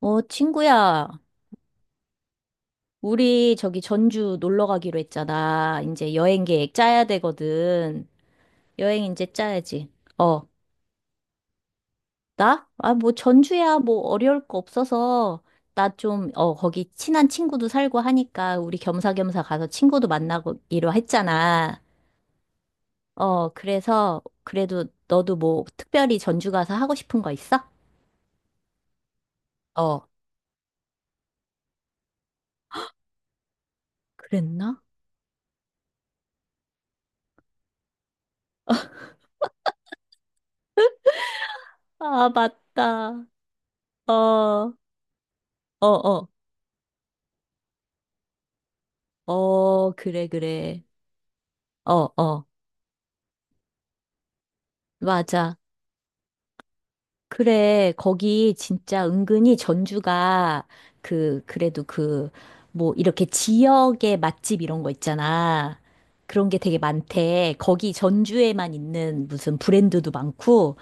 친구야, 우리 저기 전주 놀러 가기로 했잖아. 이제 여행 계획 짜야 되거든. 여행 이제 짜야지. 어, 나? 아, 뭐 전주야, 뭐 어려울 거 없어서 나 좀, 거기 친한 친구도 살고 하니까 우리 겸사겸사 가서 친구도 만나기로 했잖아. 그래서 그래도 너도 뭐 특별히 전주 가서 하고 싶은 거 있어? 어, 그랬나? 아, 맞다. 어, 어, 어, 어, 그래, 그래. 어, 어, 맞아. 그래, 거기 진짜 은근히 전주가 그, 그래도 그, 뭐, 이렇게 지역의 맛집 이런 거 있잖아. 그런 게 되게 많대. 거기 전주에만 있는 무슨 브랜드도 많고,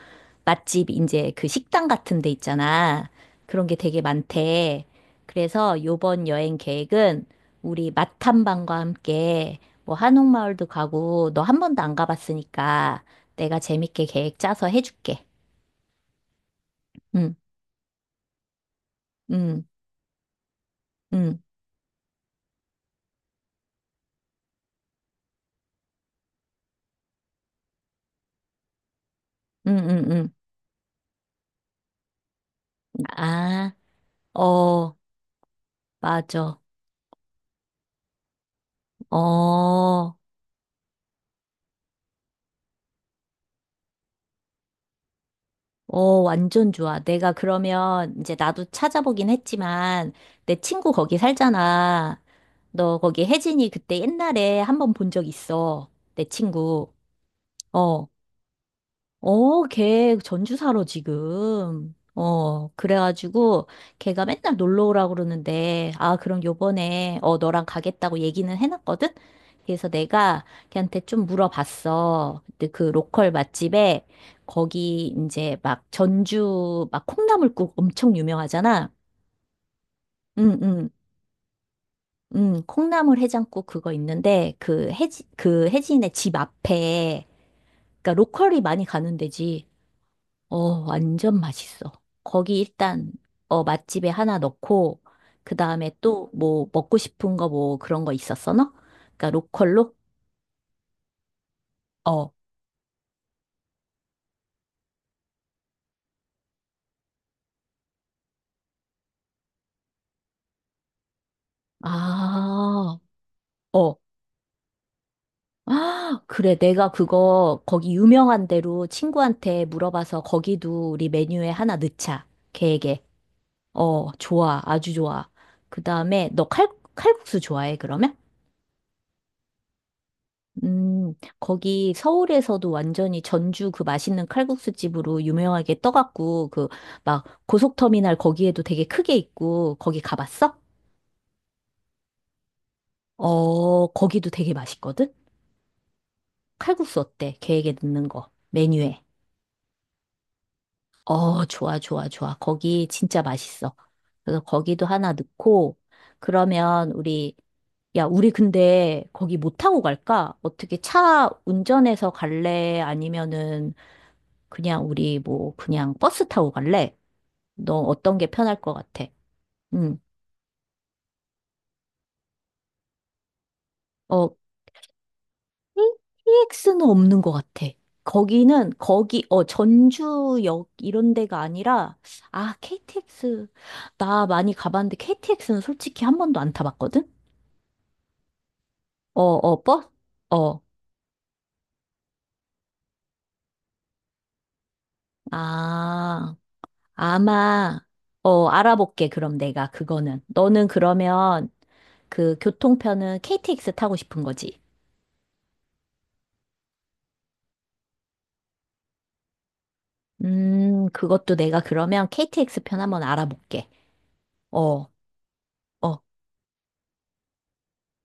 맛집, 이제 그 식당 같은 데 있잖아. 그런 게 되게 많대. 그래서 요번 여행 계획은 우리 맛탐방과 함께 뭐 한옥마을도 가고, 너 한 번도 안 가봤으니까 내가 재밌게 계획 짜서 해줄게. 응, 응. 응, 응, 응, 응. 아, 어, 맞아. 어, 완전 좋아. 내가 그러면 이제 나도 찾아보긴 했지만 내 친구 거기 살잖아. 너 거기 혜진이 그때 옛날에 한번 본 적 있어. 내 친구. 어. 어, 걔 전주사로 지금. 어, 그래가지고 걔가 맨날 놀러 오라고 그러는데, 아, 그럼 요번에, 어, 너랑 가겠다고 얘기는 해놨거든? 그래서 내가 걔한테 좀 물어봤어. 근데 그 로컬 맛집에 거기 이제 막 전주 막 콩나물국 엄청 유명하잖아. 응, 응. 응, 콩나물 해장국 그거 있는데, 그 해진의 집 앞에, 그니까 로컬이 많이 가는 데지. 어, 완전 맛있어. 거기 일단, 어, 맛집에 하나 넣고, 그 다음에 또 뭐 먹고 싶은 거 뭐 그런 거 있었어, 너? 그러니까 로컬로? 어, 아, 어. 아, 그래. 내가 그거 거기 유명한 대로 친구한테 물어봐서 거기도 우리 메뉴에 하나 넣자. 계획에. 어, 좋아. 아주 좋아. 그 다음에 너 칼, 칼국수 좋아해, 그러면? 음, 거기 서울에서도 완전히 전주 그 맛있는 칼국수 집으로 유명하게 떠갖고, 그, 막, 고속터미널 거기에도 되게 크게 있고, 거기 가봤어? 어, 거기도 되게 맛있거든? 칼국수 어때? 계획에 넣는 거, 메뉴에. 어, 좋아, 좋아, 좋아. 거기 진짜 맛있어. 그래서 거기도 하나 넣고, 그러면 우리, 야, 우리 근데 거기 못 타고 갈까? 어떻게 차 운전해서 갈래? 아니면은 그냥 우리 뭐 그냥 버스 타고 갈래? 너 어떤 게 편할 것 같아? 음. 어, TX는 없는 것 같아. 거기는 거기 어 전주역 이런 데가 아니라 아 KTX 나 많이 가봤는데 KTX는 솔직히 한 번도 안 타봤거든? 어, 어, 버스? 어. 아, 아마 어 알아볼게 그럼 내가 그거는 너는 그러면 그 교통편은 KTX 타고 싶은 거지? 그것도 내가 그러면 KTX 편 한번 알아볼게. 어, 어.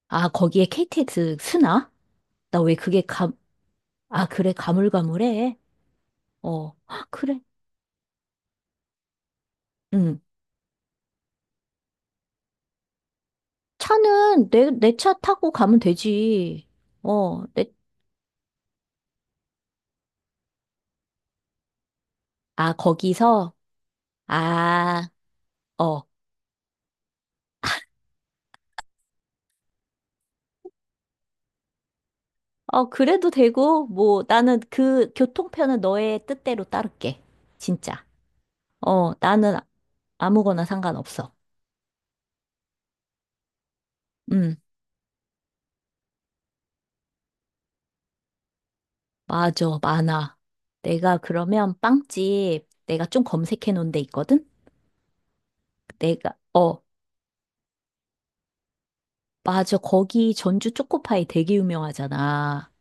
아, 거기에 KTX 쓰나? 나 왜 그게 감, 아, 그래, 가물가물해. 어, 헉, 그래. 응. 차는 내 차 타고 가면 되지. 어, 내, 아, 거기서? 아, 어. 어, 그래도 되고, 뭐, 나는 그 교통편은 너의 뜻대로 따를게. 진짜. 어, 나는 아무거나 상관없어. 음. 맞아, 많아. 내가 그러면 빵집 내가 좀 검색해 놓은 데 있거든? 내가, 어, 맞아. 거기 전주 초코파이 되게 유명하잖아.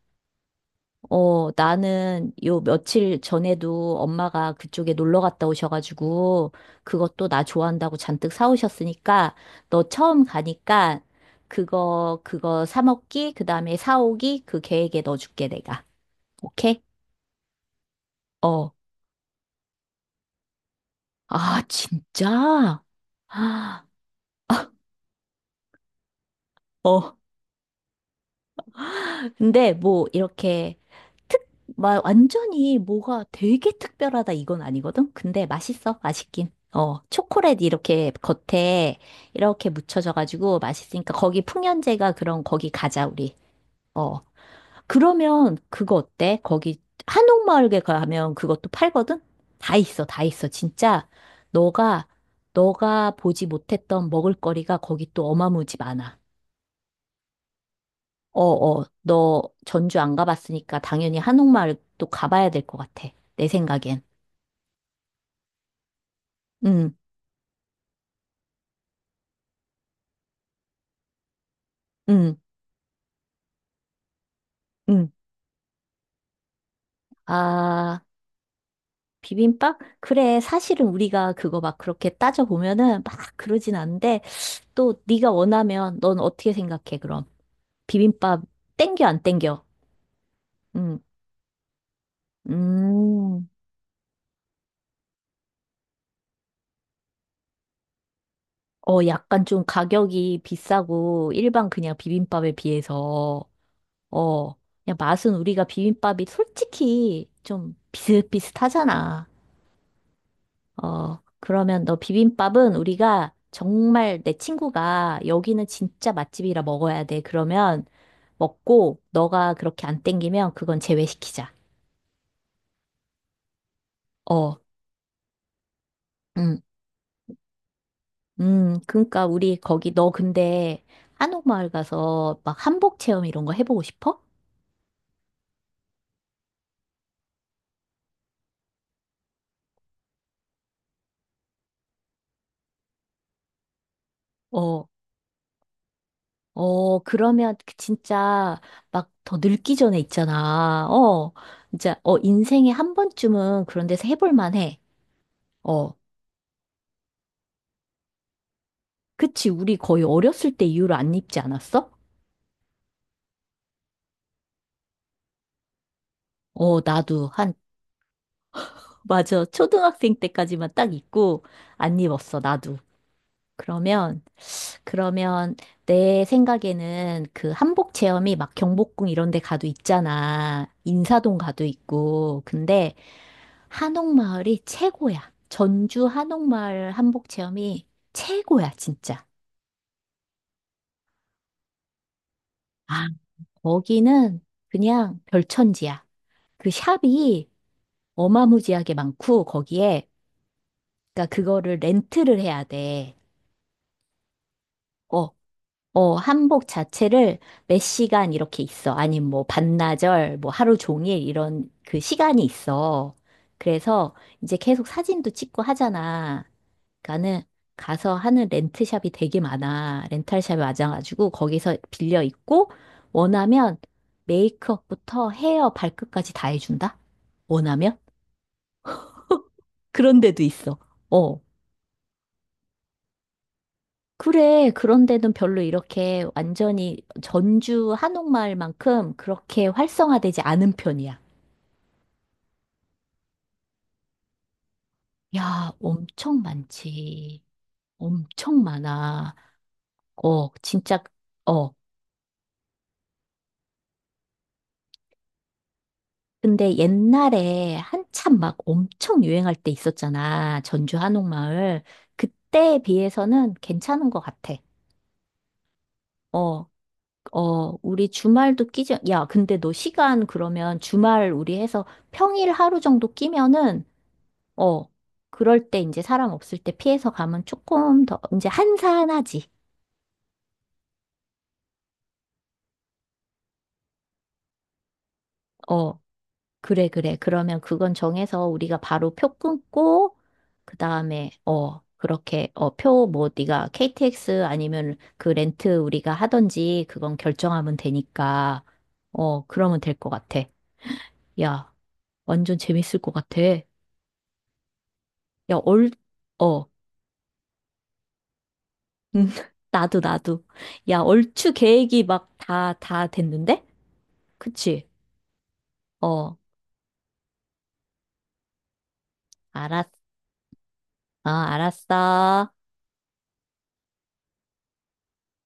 어, 나는 요 며칠 전에도 엄마가 그쪽에 놀러 갔다 오셔가지고 그것도 나 좋아한다고 잔뜩 사오셨으니까 너 처음 가니까 그거 사 먹기, 그 다음에 사오기 그 계획에 넣어줄게, 내가. 오케이? 어. 아, 진짜? 아, 어. 근데 뭐 이렇게 특, 막 완전히 뭐가 되게 특별하다 이건 아니거든? 근데 맛있어, 맛있긴. 어, 초콜릿 이렇게 겉에 이렇게 묻혀져가지고 맛있으니까 거기 풍년제가 그런 거기 가자, 우리. 어, 그러면 그거 어때? 거기 한옥마을에 가면 그것도 팔거든? 다 있어, 다 있어. 진짜 너가, 너가 보지 못했던 먹을거리가 거기 또 어마무지 많아. 어, 어, 너 전주 안 가봤으니까 당연히 한옥마을 또 가봐야 될 것 같아. 내 생각엔. 응, 응, 응. 아, 비빔밥? 그래, 사실은 우리가 그거 막 그렇게 따져보면은 막 그러진 않은데, 또 네가 원하면 넌 어떻게 생각해, 그럼? 비빔밥 땡겨, 안 땡겨? 응, 음, 어, 약간 좀 가격이 비싸고 일반 그냥 비빔밥에 비해서 어, 그냥 맛은 우리가 비빔밥이 솔직히 좀 비슷비슷하잖아. 어, 그러면 너 비빔밥은 우리가 정말 내 친구가 여기는 진짜 맛집이라 먹어야 돼. 그러면 먹고 너가 그렇게 안 땡기면 그건 제외시키자. 어, 음, 그러니까 우리 거기 너 근데 한옥마을 가서 막 한복 체험 이런 거 해보고 싶어? 어, 어, 그러면 그 진짜 막 더 늙기 전에 있잖아. 어, 진짜, 어, 인생에 한 번쯤은 그런 데서 해볼 만해. 어, 그치. 우리 거의 어렸을 때 이후로 안 입지 않았어? 어, 나도 한, 맞아. 초등학생 때까지만 딱 입고 안 입었어, 나도. 그러면, 그러면 내 생각에는 그 한복 체험이 막 경복궁 이런 데 가도 있잖아. 인사동 가도 있고. 근데 한옥마을이 최고야. 전주 한옥마을 한복 체험이 최고야, 진짜. 아, 거기는 그냥 별천지야. 그 샵이 어마무지하게 많고, 거기에, 그러니까 그거를 렌트를 해야 돼. 어, 어, 한복 자체를 몇 시간 이렇게 있어. 아니면 뭐 반나절, 뭐 하루 종일 이런 그 시간이 있어. 그래서 이제 계속 사진도 찍고 하잖아. 그러니까는 가서 하는 렌트샵이 되게 많아. 렌탈샵이 많아가지고 거기서 빌려 입고 원하면 메이크업부터 헤어 발끝까지 다 해준다? 원하면? 그런 데도 있어. 어. 그래. 그런 데는 별로 이렇게 완전히 전주 한옥마을만큼 그렇게 활성화되지 않은 편이야. 야, 엄청 많지. 엄청 많아. 어, 진짜, 어. 근데 옛날에 한참 막 엄청 유행할 때 있었잖아. 전주 한옥마을. 그때에 비해서는 괜찮은 것 같아. 어, 어, 우리 주말도 끼지. 야, 근데 너 시간 그러면 주말 우리 해서 평일 하루 정도 끼면은, 어, 그럴 때 이제 사람 없을 때 피해서 가면 조금 더, 이제 한산하지. 어, 그래, 그래. 그러면 그건 정해서 우리가 바로 표 끊고, 그 다음에, 어, 그렇게, 어, 표 뭐, 네가 KTX 아니면 그 렌트 우리가 하던지 그건 결정하면 되니까, 어, 그러면 될 것 같아. 야, 완전 재밌을 것 같아. 야, 얼, 어, 나도, 나도. 야, 얼추 계획이 막 다, 다 됐는데? 그치? 어, 알았, 어, 알았어.